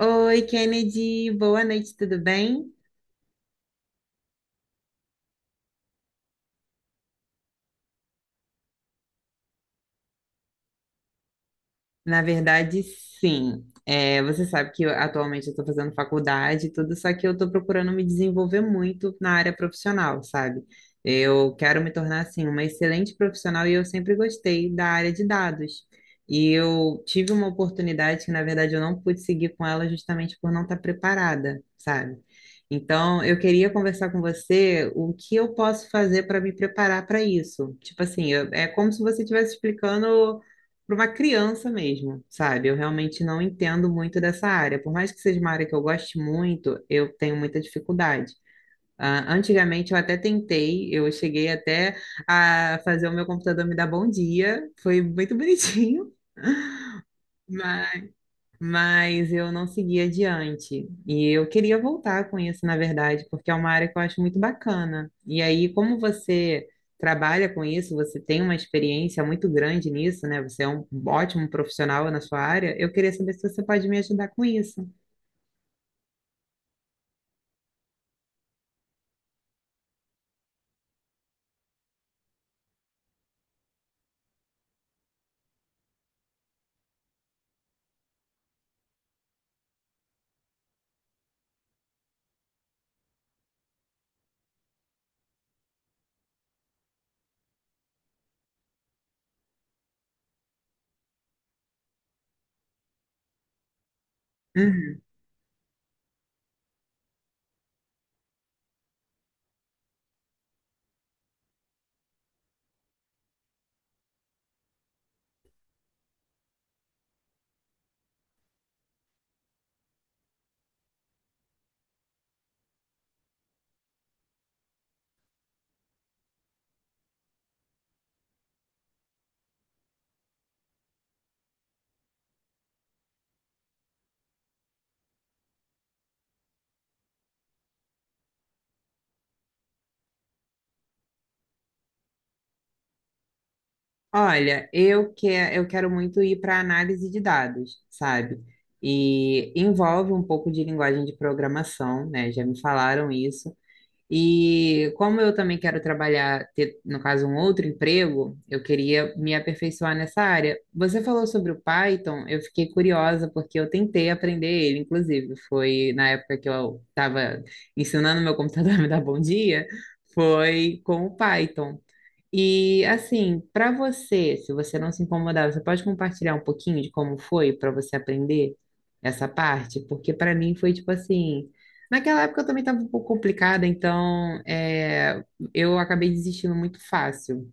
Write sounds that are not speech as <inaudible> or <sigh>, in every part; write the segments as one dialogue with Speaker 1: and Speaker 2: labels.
Speaker 1: Oi, Kennedy, boa noite, tudo bem? Na verdade, sim. Você sabe que atualmente eu estou fazendo faculdade e tudo, só que eu estou procurando me desenvolver muito na área profissional, sabe? Eu quero me tornar, assim, uma excelente profissional e eu sempre gostei da área de dados. E eu tive uma oportunidade que, na verdade, eu não pude seguir com ela justamente por não estar preparada, sabe? Então, eu queria conversar com você o que eu posso fazer para me preparar para isso. Tipo assim, é como se você estivesse explicando para uma criança mesmo, sabe? Eu realmente não entendo muito dessa área. Por mais que seja uma área que eu goste muito, eu tenho muita dificuldade. Ah, antigamente eu até tentei, eu cheguei até a fazer o meu computador me dar bom dia, foi muito <laughs> bonitinho, mas eu não segui adiante. E eu queria voltar com isso, na verdade, porque é uma área que eu acho muito bacana. E aí, como você trabalha com isso, você tem uma experiência muito grande nisso, né? Você é um ótimo profissional na sua área. Eu queria saber se você pode me ajudar com isso. Uhum. Olha, eu quero muito ir para análise de dados, sabe? E envolve um pouco de linguagem de programação, né? Já me falaram isso. E como eu também quero trabalhar, ter, no caso, um outro emprego, eu queria me aperfeiçoar nessa área. Você falou sobre o Python, eu fiquei curiosa porque eu tentei aprender ele, inclusive, foi na época que eu estava ensinando meu computador <laughs> a me dar bom dia, foi com o Python. E assim, para você, se você não se incomodar, você pode compartilhar um pouquinho de como foi para você aprender essa parte? Porque para mim foi tipo assim, naquela época eu também estava um pouco complicada, então eu acabei desistindo muito fácil.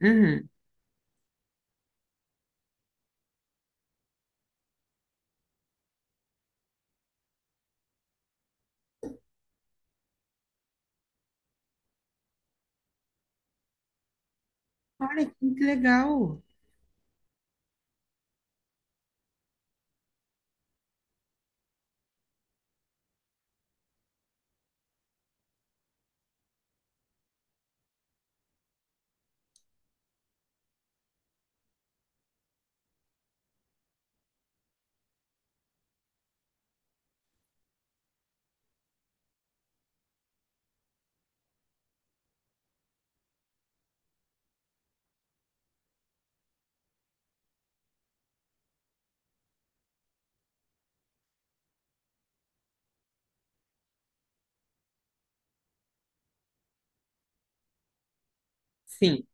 Speaker 1: Uhum. Olha que legal. Sim.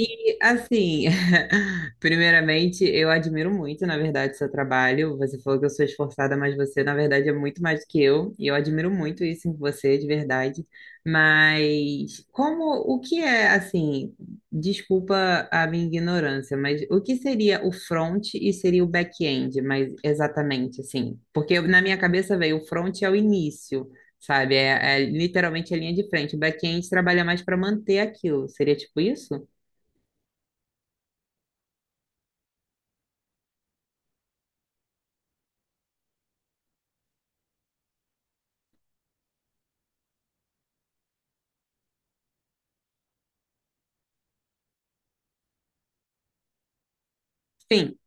Speaker 1: E assim, <laughs> primeiramente, eu admiro muito, na verdade, seu trabalho. Você falou que eu sou esforçada, mas você, na verdade, é muito mais que eu. E eu admiro muito isso em você, de verdade. Mas o que é, assim, desculpa a minha ignorância, mas o que seria o front e seria o back-end, mas exatamente assim? Porque na minha cabeça veio o front é o início. Sabe, é literalmente a linha de frente. O back-end trabalha mais para manter aquilo. Seria tipo isso? Sim.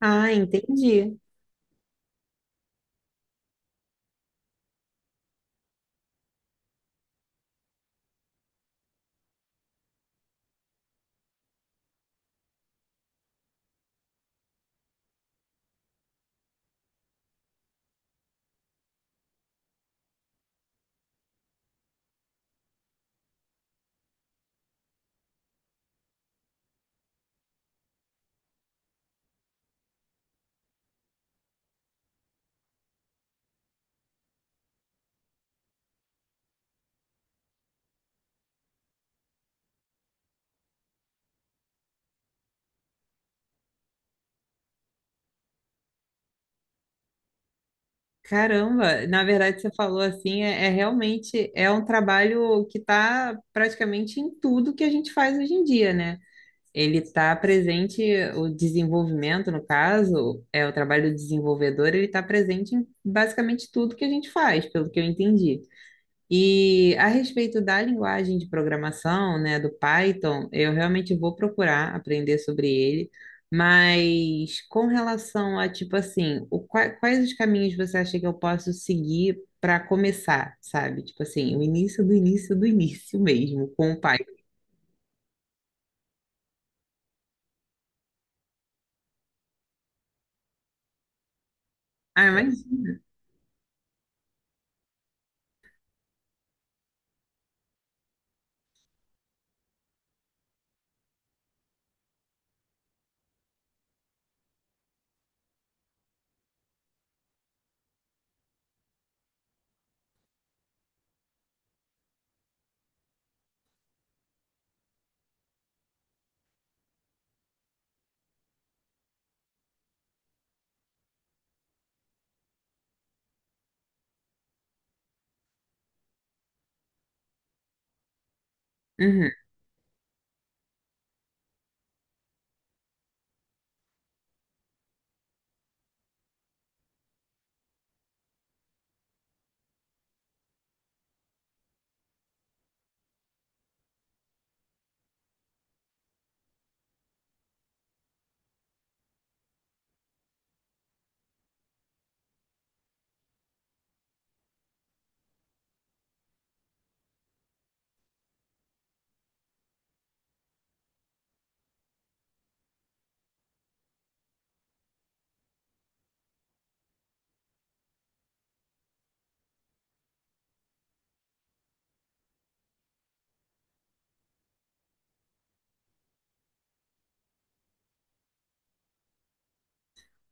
Speaker 1: Ah, entendi. Caramba, na verdade você falou assim, é realmente é um trabalho que está praticamente em tudo que a gente faz hoje em dia, né? Ele está presente, o desenvolvimento, no caso, é o trabalho do desenvolvedor, ele está presente em basicamente tudo que a gente faz, pelo que eu entendi. E a respeito da linguagem de programação, né, do Python, eu realmente vou procurar aprender sobre ele, mas com relação a, tipo assim, quais os caminhos você acha que eu posso seguir para começar, sabe? Tipo assim, o início do início do início mesmo, com o Python. Ah, imagina. Uhum.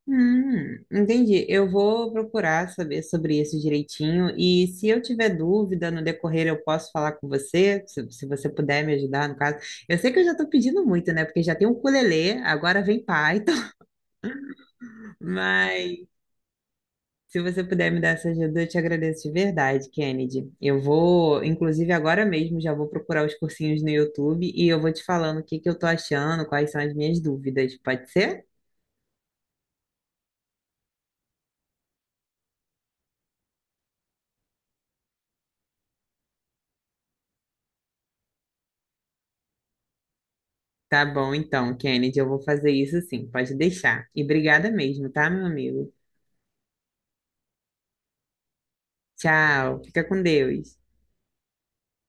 Speaker 1: Entendi. Eu vou procurar saber sobre isso direitinho. E se eu tiver dúvida no decorrer, eu posso falar com você, se você puder me ajudar, no caso. Eu sei que eu já estou pedindo muito, né? Porque já tem o ukulele, agora vem Python. <laughs> Mas se você puder me dar essa ajuda, eu te agradeço de verdade, Kennedy. Eu vou, inclusive agora mesmo, já vou procurar os cursinhos no YouTube e eu vou te falando o que que eu tô achando, quais são as minhas dúvidas. Pode ser? Tá bom, então, Kennedy, eu vou fazer isso sim, pode deixar. E obrigada mesmo, tá, meu amigo? Tchau, fica com Deus.